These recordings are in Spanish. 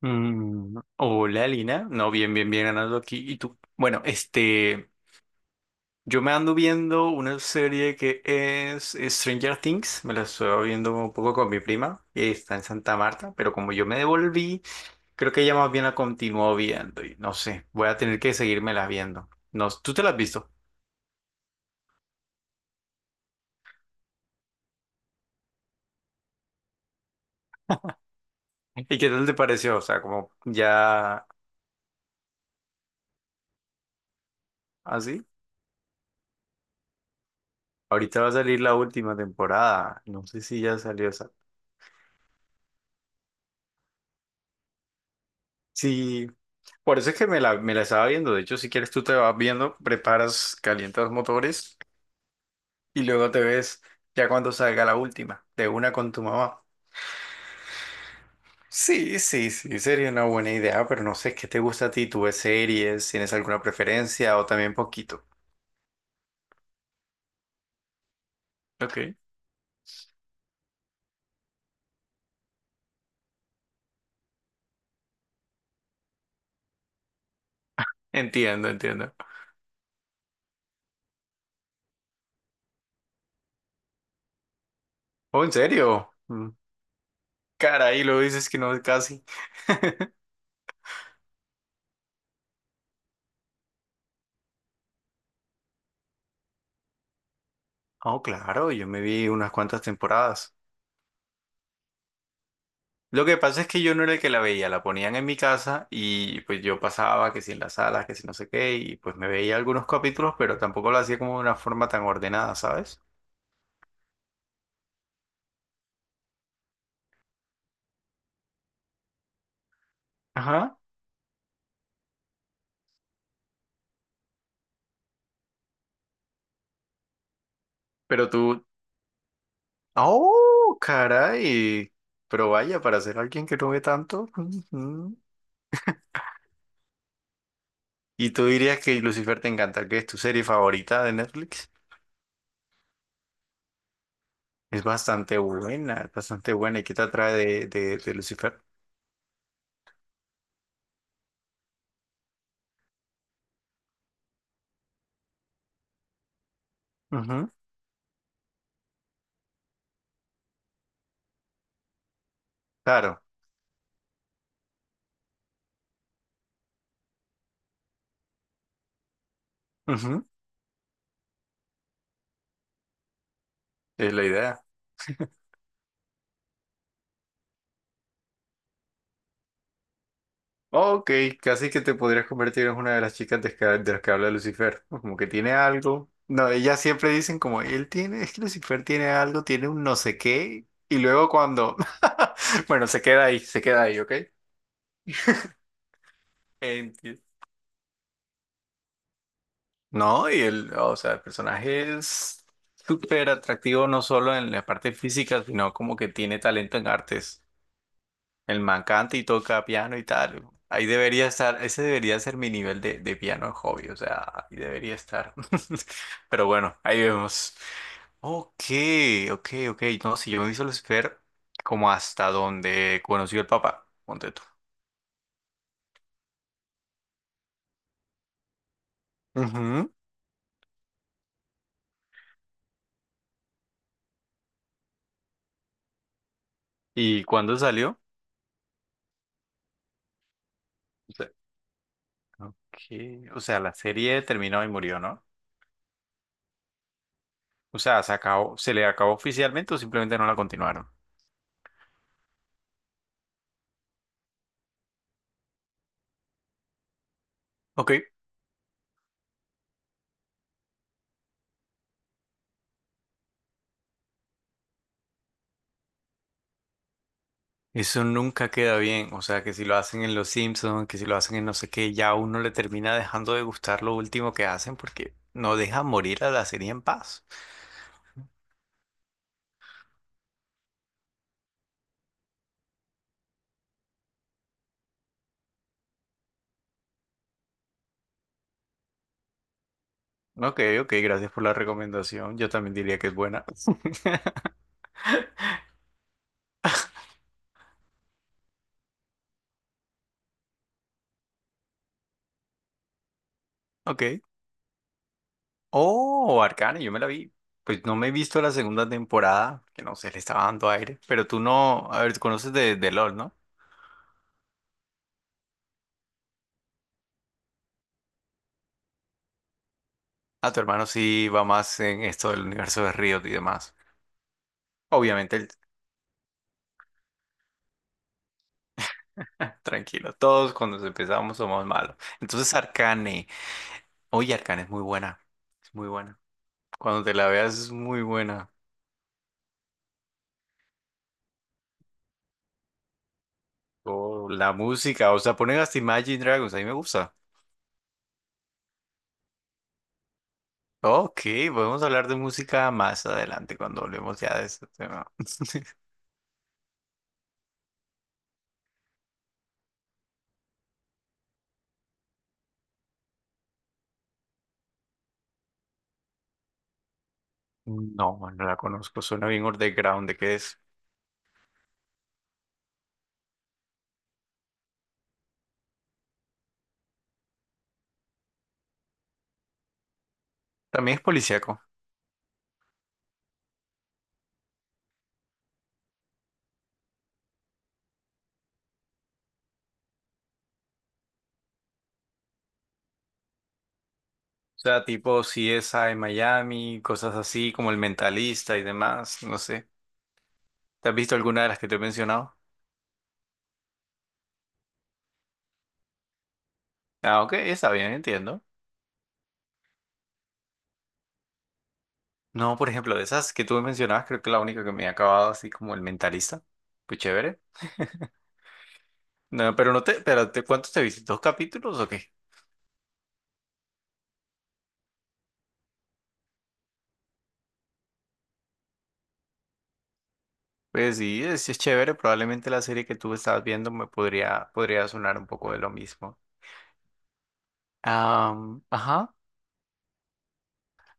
Hola Lina, no, bien, bien, bien ganando aquí. ¿Y tú? Bueno, este, yo me ando viendo una serie que es Stranger Things, me la estoy viendo un poco con mi prima, que está en Santa Marta, pero como yo me devolví, creo que ella más bien la continuó viendo y no sé, voy a tener que seguírmela viendo. No, ¿tú te la has visto? ¿Y qué tal te pareció? O sea, como ya así. Ahorita va a salir la última temporada, no sé si ya salió esa. Sí. Por eso es que me la estaba viendo. De hecho, si quieres, tú te vas viendo, preparas, calientas motores y luego te ves ya cuando salga la última, de una con tu mamá. Sí, sí, sí, sería una buena idea, pero no sé qué te gusta a ti. ¿Tú ves series? ¿Tienes alguna preferencia o también poquito? Ok, entiendo, entiendo. Oh, ¿en serio? Caray, lo dices que no es casi. Oh, claro, yo me vi unas cuantas temporadas. Lo que pasa es que yo no era el que la veía, la ponían en mi casa y pues yo pasaba que si en las salas, que si no sé qué, y pues me veía algunos capítulos, pero tampoco lo hacía como de una forma tan ordenada, ¿sabes? Ajá. Pero tú... ¡Oh, caray! Pero vaya, para ser alguien que no ve tanto... ujú. Y tú dirías que Lucifer te encanta, que es tu serie favorita de Netflix. Es bastante buena, es bastante buena. ¿Y qué te atrae de Lucifer? Ujú. Claro. Ujú. Es la idea. Ok, casi que te podrías convertir en una de las chicas de las que habla Lucifer. ¿No? Como que tiene algo. No, ellas siempre dicen como, él tiene, es que Lucifer tiene algo, tiene un no sé qué. Y luego cuando, bueno, se queda ahí, ¿ok? Enti- No, y el, o sea, el personaje es súper atractivo no solo en la parte física, sino como que tiene talento en artes. El man canta y toca piano y tal. Ahí debería estar, ese debería ser mi nivel de piano hobby, o sea, ahí debería estar. Pero bueno, ahí vemos. Ok, ok, ok. No, si yo me hice Lucifer como hasta donde conoció el papá, ponte tú. Ujú. ¿Y cuándo salió? O sea, ok, o sea, la serie terminó y murió, ¿no? O sea, se acabó, se le acabó oficialmente o simplemente no la continuaron. Ok. Eso nunca queda bien, o sea que si lo hacen en Los Simpsons, que si lo hacen en no sé qué, ya a uno le termina dejando de gustar lo último que hacen porque no deja morir a la serie en paz. Ok, ok, gracias por la recomendación, yo también diría que es buena. Ok. Oh, Arcane, yo me la vi. Pues no me he visto la segunda temporada, que no sé, le estaba dando aire, pero tú no, a ver, tú conoces de LOL, ¿no? A tu hermano sí va más en esto del universo de Riot y demás. Obviamente tranquilo, todos cuando empezamos somos malos. Entonces Arcane, oye Arcane es muy buena, es muy buena. Cuando te la veas es muy buena. Oh, la música, o sea, ponen hasta Imagine Dragons, a mí me gusta. Ok, podemos hablar de música más adelante cuando hablemos ya de este tema. No, no la conozco, suena bien underground, ¿de qué es? También es policíaco. O sea, tipo CSI Miami, cosas así como El Mentalista y demás, no sé. ¿Te has visto alguna de las que te he mencionado? Ah, ok, está bien, entiendo. No, por ejemplo, de esas que tú me mencionabas, creo que la única que me he acabado así como el mentalista. Pues chévere. No, pero no te, pero te, ¿cuántos te viste? ¿Dos capítulos o qué? Pues sí es chévere. Probablemente la serie que tú estabas viendo me podría sonar un poco de lo mismo. Ajá.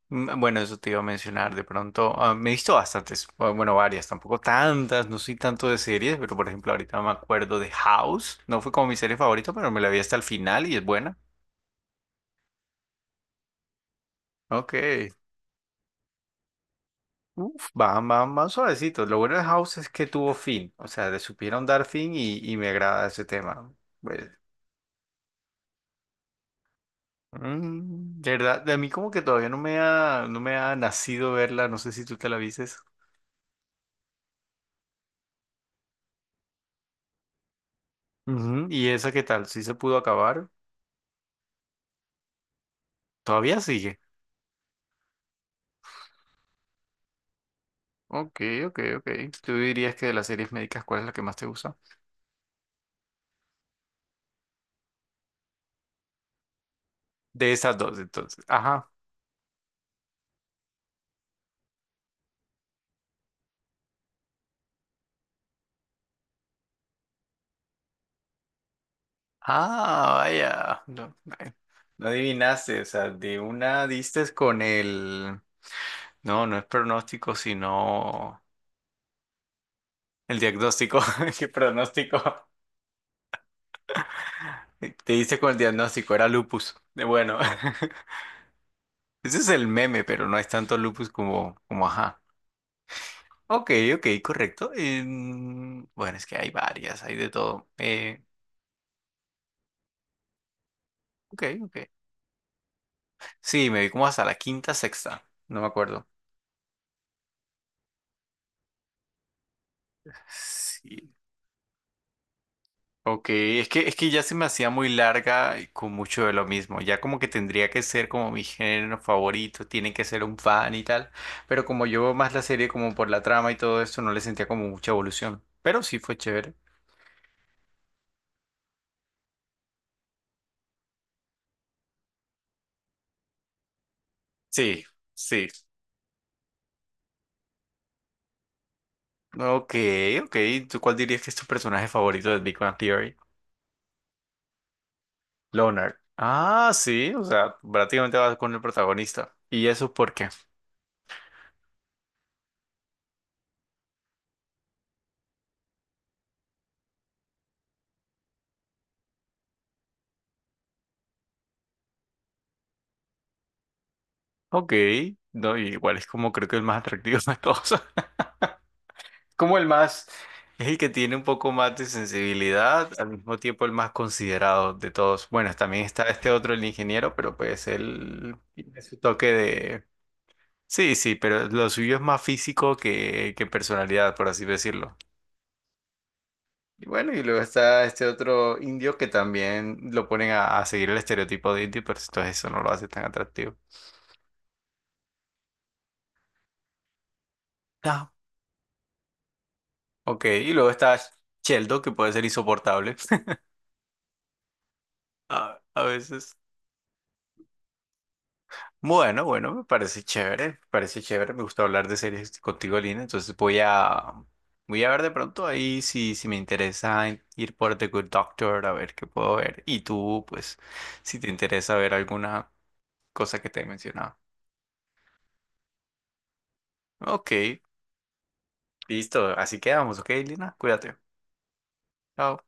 Bueno, eso te iba a mencionar de pronto. Me he visto bastantes, o bueno, varias, tampoco tantas, no soy tanto de series, pero por ejemplo ahorita me acuerdo de House. No fue como mi serie favorita, pero me la vi hasta el final y es buena. Ok. Uf, van, van, van suavecitos. Lo bueno de House es que tuvo fin. O sea, le supieron dar fin y me agrada ese tema. Pues, de verdad, de mí como que todavía no me ha nacido verla. No sé si tú te la vistes. Ujú, ¿y esa qué tal? ¿Sí se pudo acabar? ¿Todavía sigue? Ok, ok, ok. ¿Tú dirías que de las series médicas, cuál es la que más te gusta? De esas dos, entonces. Ajá. Ah, vaya. No, no adivinaste. O sea, de una diste con el... No, no es pronóstico, sino el diagnóstico. ¿Qué pronóstico? Te hice con el diagnóstico, era lupus. Bueno, ese es el meme, pero no es tanto lupus como ajá. Ok, ok, correcto. Bueno, es que hay varias, hay de todo. Ok, ok. Sí, me vi como hasta la quinta, sexta, no me acuerdo. Sí. Ok, es que ya se me hacía muy larga y con mucho de lo mismo. Ya como que tendría que ser como mi género favorito, tiene que ser un fan y tal. Pero como yo veo más la serie como por la trama y todo esto, no le sentía como mucha evolución. Pero sí fue chévere. Sí, sí. Ok, ok. ¿Tú cuál dirías que es tu personaje favorito de Big Bang Theory? Leonard. Ah, sí, o sea, prácticamente vas con el protagonista. ¿Y eso por qué? Ok, no, igual es como creo que el más atractivo de todos. Como el más, es el que tiene un poco más de sensibilidad, al mismo tiempo el más considerado de todos. Bueno, también está este otro, el ingeniero, pero pues él tiene su toque de... Sí, sí, pero lo suyo es más físico que personalidad, por así decirlo. Y bueno, y luego está este otro indio que también lo ponen a seguir el estereotipo de indio, pero entonces eso no lo hace tan atractivo. Ah, ok, y luego está Sheldon, que puede ser insoportable a veces. Bueno, bueno, me parece chévere, me parece chévere, me gusta hablar de series contigo, Lina, entonces voy a ver de pronto ahí si me interesa ir por The Good Doctor, a ver qué puedo ver, y tú, pues, si te interesa ver alguna cosa que te he mencionado. Ok, listo, así quedamos, ok, Lina, cuídate. Chao.